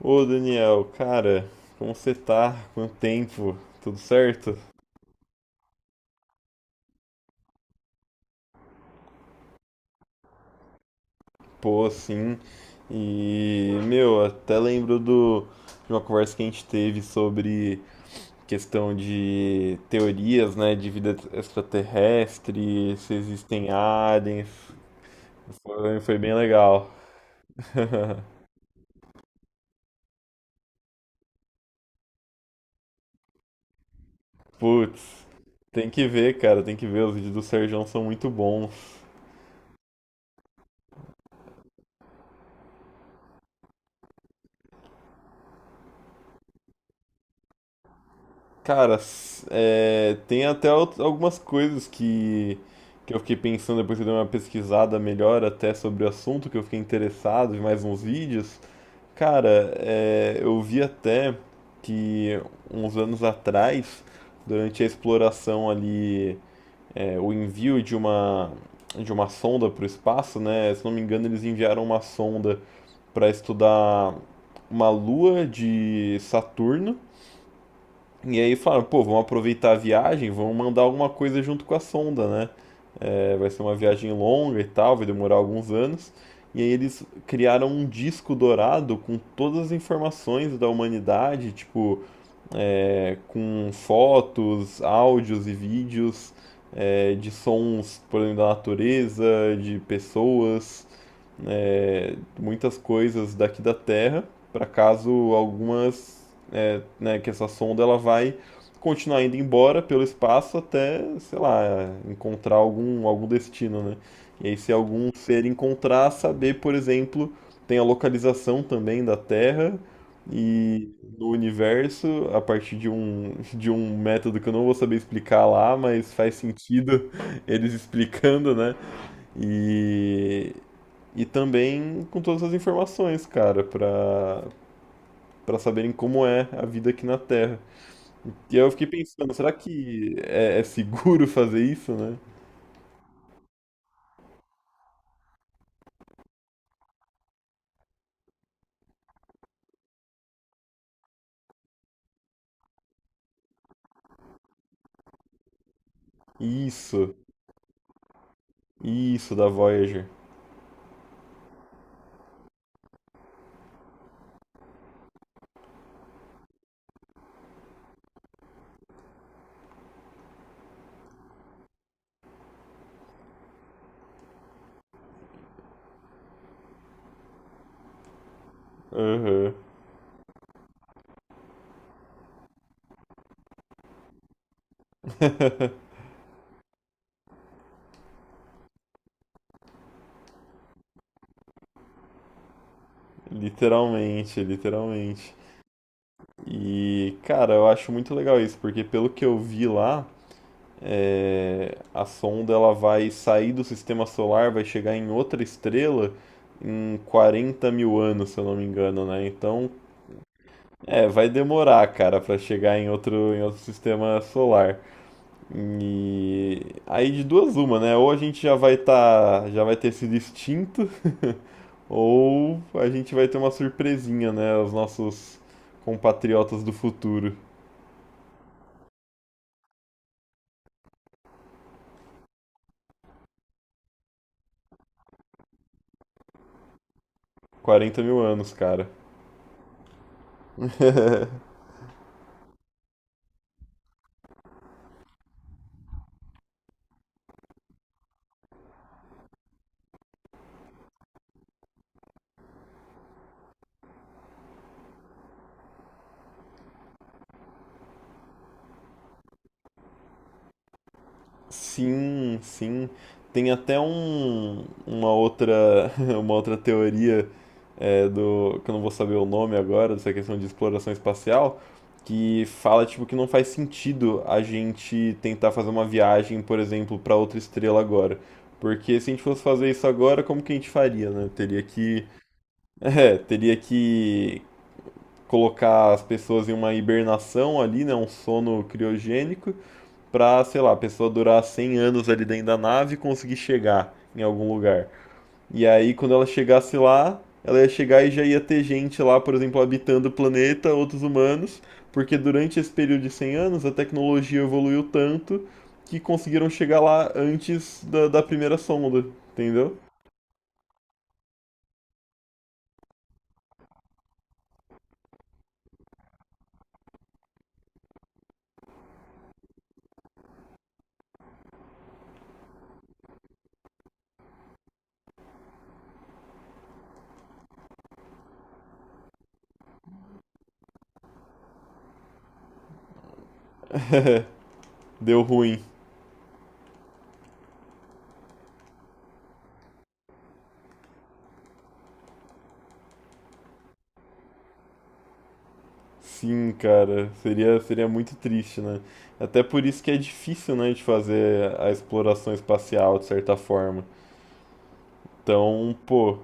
Ô Daniel, cara, como você tá? Quanto tempo? Tudo certo? Pô, sim. E, meu, até lembro do, de uma conversa que a gente teve sobre questão de teorias, né, de vida extraterrestre, se existem aliens. Foi, foi bem legal. Putz, tem que ver, cara, tem que ver. Os vídeos do Serjão são muito bons. Cara, s- tem até out- algumas coisas que eu fiquei pensando depois que eu dei uma pesquisada melhor até sobre o assunto, que eu fiquei interessado, vi mais uns vídeos. Cara, eu vi até que uns anos atrás, durante a exploração ali, o envio de uma sonda para o espaço, né? Se não me engano, eles enviaram uma sonda para estudar uma lua de Saturno. E aí falaram, pô, vamos aproveitar a viagem, vamos mandar alguma coisa junto com a sonda, né? É, vai ser uma viagem longa e tal, vai demorar alguns anos. E aí eles criaram um disco dourado com todas as informações da humanidade, tipo, com fotos, áudios e vídeos de sons, por exemplo, da natureza, de pessoas, muitas coisas daqui da Terra, para caso algumas, é, né, que essa sonda ela vai continuar indo embora pelo espaço até, sei lá, encontrar algum, algum destino, né? E aí, se algum ser encontrar, saber, por exemplo, tem a localização também da Terra e no universo a partir de um método que eu não vou saber explicar lá, mas faz sentido eles explicando, né? E, e também com todas as informações, cara, para para saberem como é a vida aqui na Terra. E aí eu fiquei pensando, será que é, é seguro fazer isso, né? Isso, isso da Voyager. Aham. Literalmente, literalmente. E, cara, eu acho muito legal isso, porque pelo que eu vi lá. A sonda ela vai sair do sistema solar, vai chegar em outra estrela em 40 mil anos, se eu não me engano, né? Então, é, vai demorar, cara, pra chegar em outro sistema solar. E aí de duas uma, né? Ou a gente já vai tá, já vai ter sido extinto, ou a gente vai ter uma surpresinha, né? Os nossos compatriotas do futuro. 40 mil anos, cara. Sim, sim. Tem até um, uma outra, uma outra teoria do, que eu não vou saber o nome agora, dessa questão de exploração espacial, que fala tipo que não faz sentido a gente tentar fazer uma viagem, por exemplo, para outra estrela agora. Porque se a gente fosse fazer isso agora, como que a gente faria, né? Teria que, é, teria que colocar as pessoas em uma hibernação ali, né, um sono criogênico, pra, sei lá, a pessoa durar 100 anos ali dentro da nave e conseguir chegar em algum lugar. E aí, quando ela chegasse lá, ela ia chegar e já ia ter gente lá, por exemplo, habitando o planeta, outros humanos, porque durante esse período de 100 anos a tecnologia evoluiu tanto que conseguiram chegar lá antes da, da primeira sonda, entendeu? Deu ruim. Sim, cara, seria, seria muito triste, né? Até por isso que é difícil, né, de fazer a exploração espacial de certa forma. Então, pô,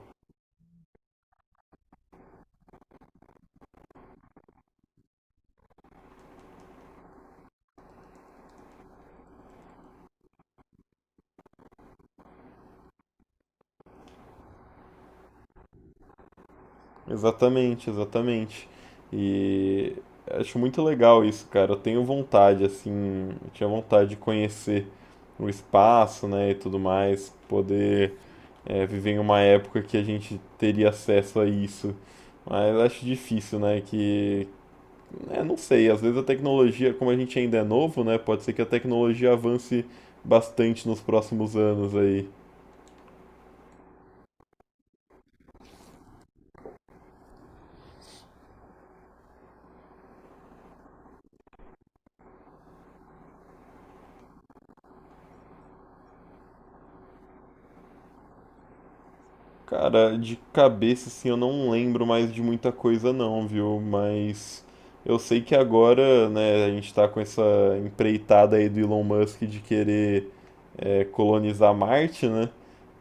exatamente, exatamente. E acho muito legal isso, cara. Eu tenho vontade, assim, eu tinha vontade de conhecer o espaço, né, e tudo mais, poder viver em uma época que a gente teria acesso a isso. Mas acho difícil, né, que, é, não sei, às vezes a tecnologia, como a gente ainda é novo, né, pode ser que a tecnologia avance bastante nos próximos anos aí. Cara, de cabeça, assim, eu não lembro mais de muita coisa não, viu? Mas eu sei que agora, né, a gente tá com essa empreitada aí do Elon Musk de querer colonizar Marte, né?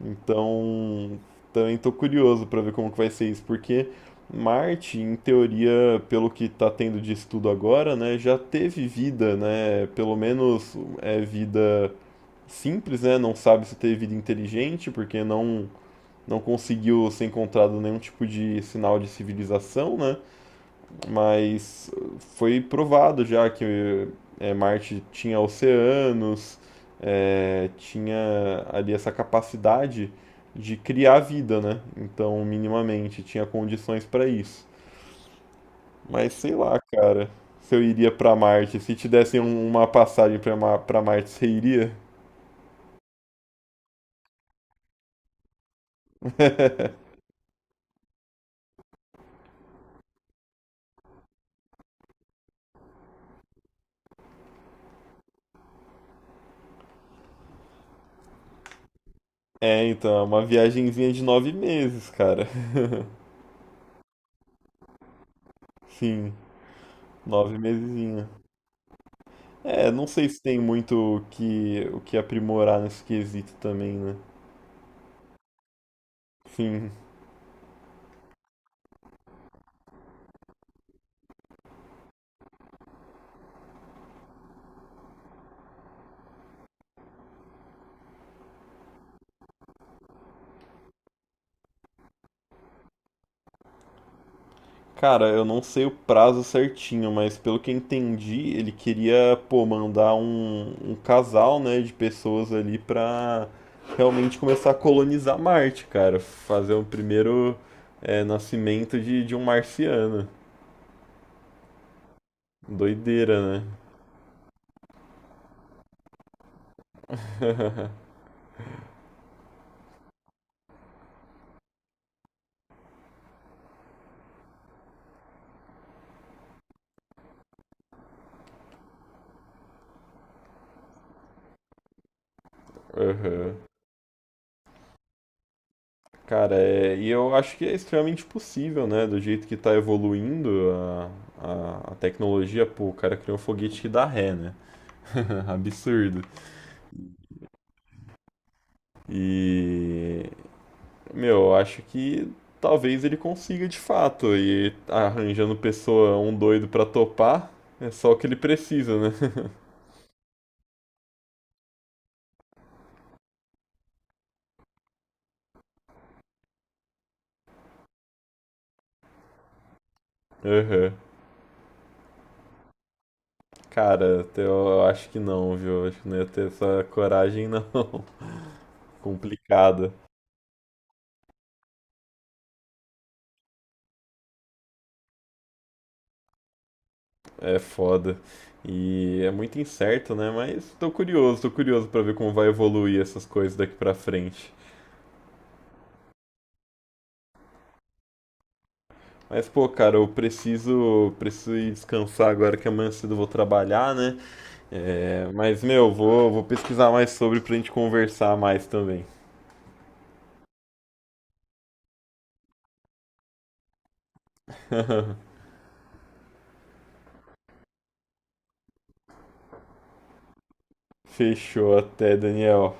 Então, também tô curioso pra ver como que vai ser isso, porque Marte, em teoria, pelo que tá tendo de estudo agora, né, já teve vida, né? Pelo menos é vida simples, né? Não sabe se teve vida inteligente, porque não conseguiu ser encontrado nenhum tipo de sinal de civilização, né? Mas foi provado já que é, Marte tinha oceanos, é, tinha ali essa capacidade de criar vida, né? Então, minimamente, tinha condições para isso. Mas sei lá, cara, se eu iria para Marte, se te dessem um- uma passagem para Ma pra Marte, você iria? É, então, é uma viagenzinha de 9 meses, cara. Sim, nove mesezinha. É, não sei se tem muito o que aprimorar nesse quesito também, né? Enfim, cara, eu não sei o prazo certinho, mas pelo que eu entendi, ele queria, pô, mandar um, um casal, né, de pessoas ali pra realmente começar a colonizar Marte, cara. Fazer o primeiro, nascimento de um marciano. Doideira, né? Aham. Cara, é, e eu acho que é extremamente possível, né? Do jeito que tá evoluindo a tecnologia, pô, o cara criou um foguete que dá ré, né? Absurdo. E, meu, eu acho que talvez ele consiga de fato. E arranjando pessoa, um doido pra topar, é só o que ele precisa, né? Aham. Cara, até eu acho que não, viu? Acho que não ia ter essa coragem, não. Complicado. É foda. E é muito incerto, né? Mas tô curioso pra ver como vai evoluir essas coisas daqui pra frente. Mas, pô, cara, eu preciso, preciso ir descansar agora que amanhã cedo eu vou trabalhar, né? É, mas, meu, vou, vou pesquisar mais sobre pra gente conversar mais também. Fechou, até, Daniel.